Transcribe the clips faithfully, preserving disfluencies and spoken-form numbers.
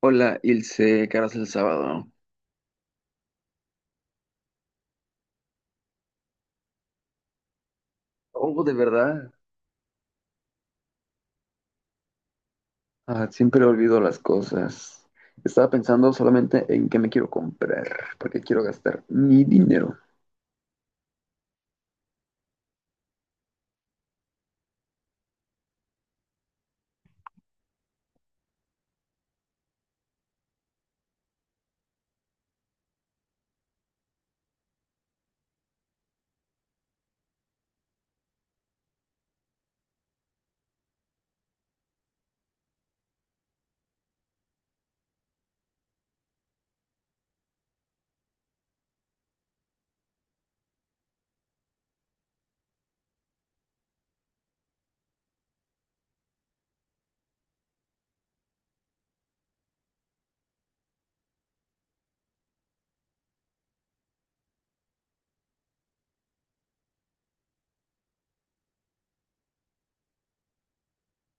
Hola, Ilse, ¿qué el sábado? Oh, de verdad. Ah, siempre olvido las cosas. Estaba pensando solamente en qué me quiero comprar, porque quiero gastar mi dinero.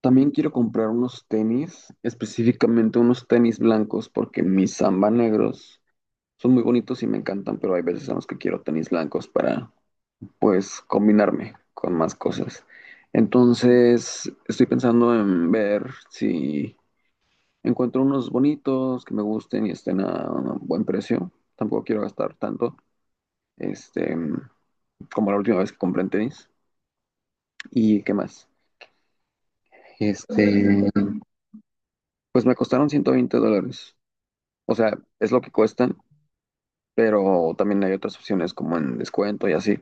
También quiero comprar unos tenis, específicamente unos tenis blancos, porque mis Samba negros son muy bonitos y me encantan, pero hay veces en los que quiero tenis blancos para, pues, combinarme con más cosas. Entonces, estoy pensando en ver si encuentro unos bonitos que me gusten y estén a un buen precio. Tampoco quiero gastar tanto, este, como la última vez que compré en tenis. ¿Y qué más? Este, pues me costaron ciento veinte dólares. O sea, es lo que cuestan, pero también hay otras opciones como en descuento y así.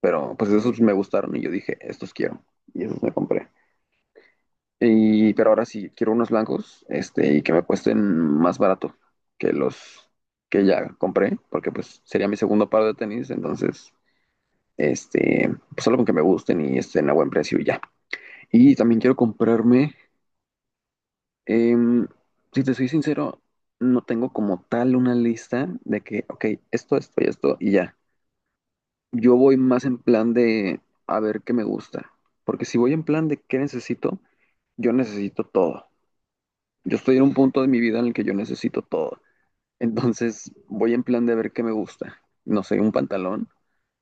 Pero pues esos me gustaron y yo dije, estos quiero. Y esos me compré. Y, pero ahora sí, quiero unos blancos, este, y que me cuesten más barato que los que ya compré, porque pues sería mi segundo par de tenis, entonces, este, pues solo con que me gusten y estén a buen precio y ya. Y también quiero comprarme, em, si te soy sincero, no tengo como tal una lista de que, ok, esto, esto y esto y ya. Yo voy más en plan de a ver qué me gusta, porque si voy en plan de qué necesito, yo necesito todo. Yo estoy en un punto de mi vida en el que yo necesito todo. Entonces voy en plan de ver qué me gusta. No sé, un pantalón,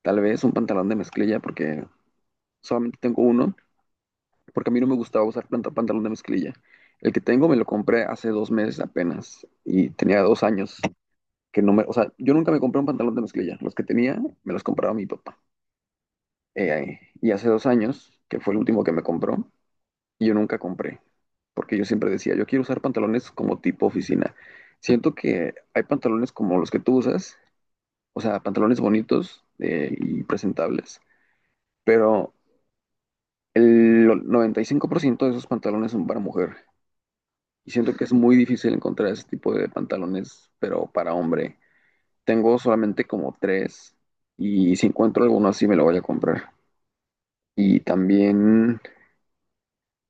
tal vez un pantalón de mezclilla, porque solamente tengo uno, porque a mí no me gustaba usar planta- pantalón de mezclilla. El que tengo me lo compré hace dos meses apenas y tenía dos años que no me, o sea, yo nunca me compré un pantalón de mezclilla. Los que tenía me los compraba mi papá. Eh, y hace dos años, que fue el último que me compró, y yo nunca compré, porque yo siempre decía, yo quiero usar pantalones como tipo oficina. Siento que hay pantalones como los que tú usas, o sea, pantalones bonitos eh, y presentables, pero el noventa y cinco por ciento de esos pantalones son para mujer. Y siento que es muy difícil encontrar ese tipo de pantalones, pero para hombre. Tengo solamente como tres y si encuentro alguno así me lo voy a comprar. Y también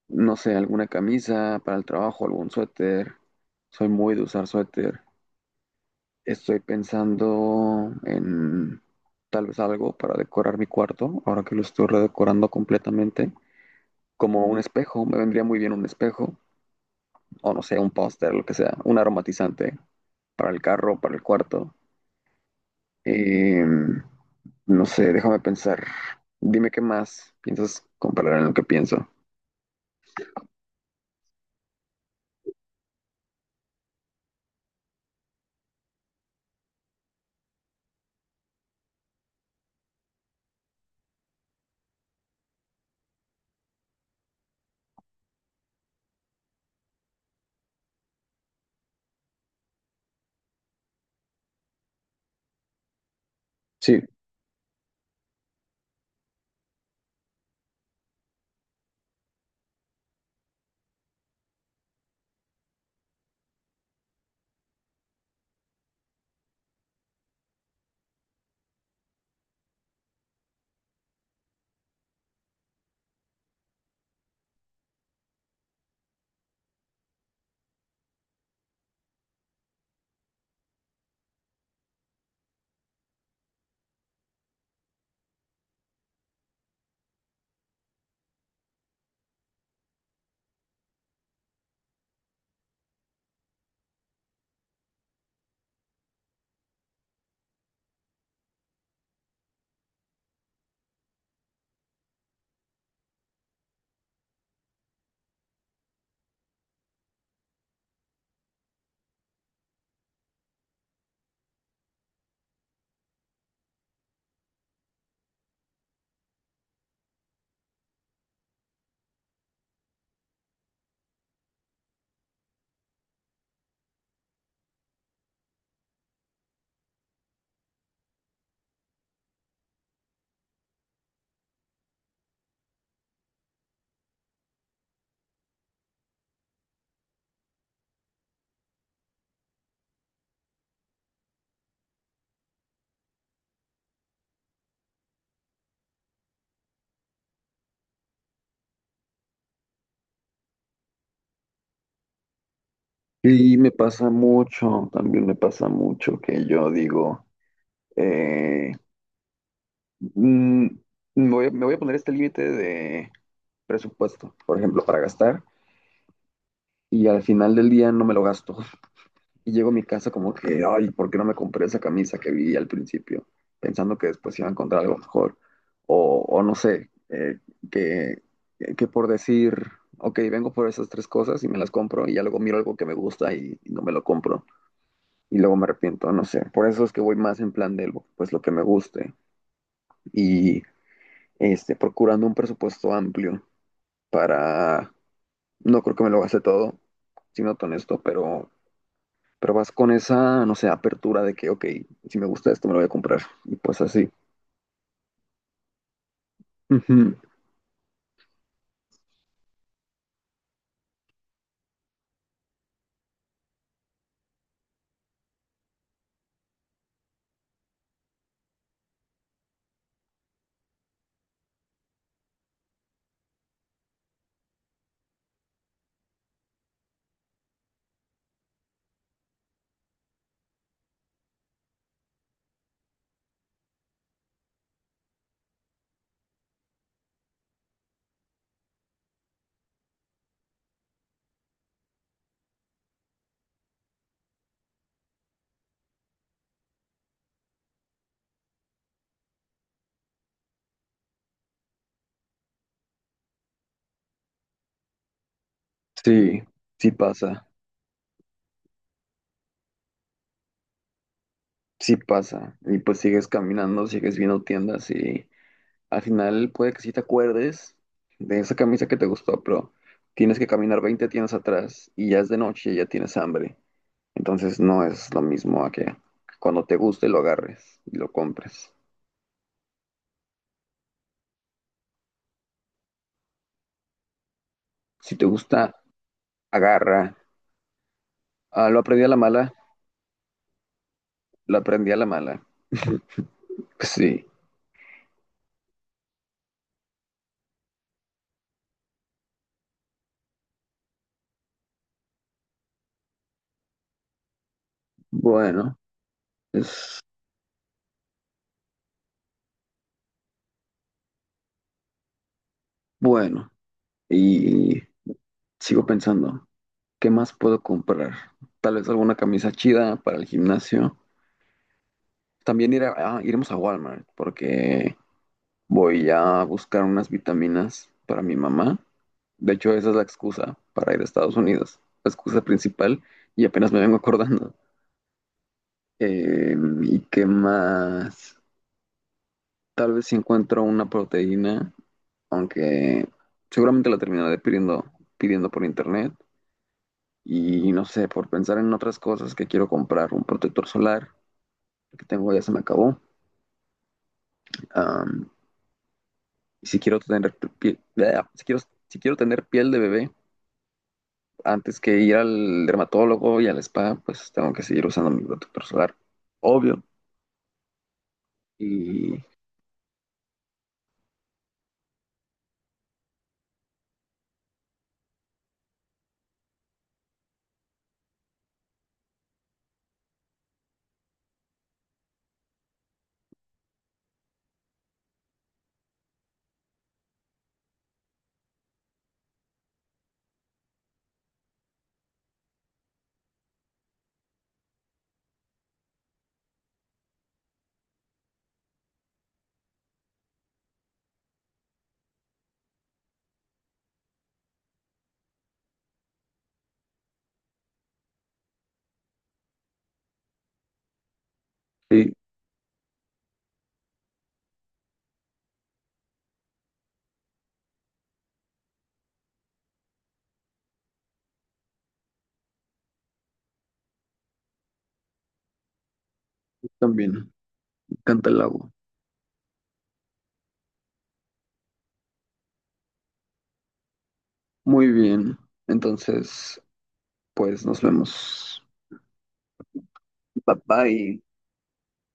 no sé, alguna camisa para el trabajo, algún suéter. Soy muy de usar suéter. Estoy pensando en tal vez algo para decorar mi cuarto, ahora que lo estoy redecorando completamente. Como un espejo, me vendría muy bien un espejo, o no sé, un póster, lo que sea, un aromatizante para el carro, para el cuarto. Em, no sé, déjame pensar. Dime qué más piensas comparar en lo que pienso. Sí. Y me pasa mucho, también me pasa mucho que yo digo, eh, mm, voy a- me voy a poner este límite de presupuesto, por ejemplo, para gastar, y al final del día no me lo gasto. Y llego a mi casa como que, ay, ¿por qué no me compré esa camisa que vi al principio? Pensando que después iba a encontrar algo mejor. O, o no sé, eh, que, eh, que por decir, ok, vengo por esas tres cosas y me las compro, y ya luego miro algo que me gusta y y no me lo compro. Y luego me arrepiento, no sé. Por eso es que voy más en plan de pues lo que me guste y este procurando un presupuesto amplio, para no creo que me lo gaste todo, siendo honesto, pero pero vas con esa, no sé, apertura de que, ok, si me gusta esto me lo voy a comprar y pues así. Ujú. Sí, sí pasa, sí pasa y pues sigues caminando, sigues viendo tiendas y al final puede que sí te acuerdes de esa camisa que te gustó, pero tienes que caminar veinte tiendas atrás y ya es de noche y ya tienes hambre. Entonces no es lo mismo a que cuando te guste lo agarres y lo compres. Si te gusta, agarra. Ah, lo aprendí a la mala, lo aprendí a la mala. Sí, bueno, es bueno. Y sigo pensando, ¿qué más puedo comprar? Tal vez alguna camisa chida para el gimnasio. También ir a- ah, iremos a Walmart porque voy a buscar unas vitaminas para mi mamá. De hecho, esa es la excusa para ir a Estados Unidos. La excusa principal y apenas me vengo acordando. Eh, ¿Y qué más? Tal vez si encuentro una proteína, aunque seguramente la terminaré pidiendo, pidiendo por internet. Y no sé, por pensar en otras cosas que quiero comprar, un protector solar que tengo ya se me acabó. Am, y si quiero tener, pi- bleh, si quiero, si quiero tener piel de bebé, antes que ir al dermatólogo y al spa, pues tengo que seguir usando mi protector solar, obvio. Y sí, también me encanta el agua. Muy bien, entonces, pues nos vemos. Bye bye.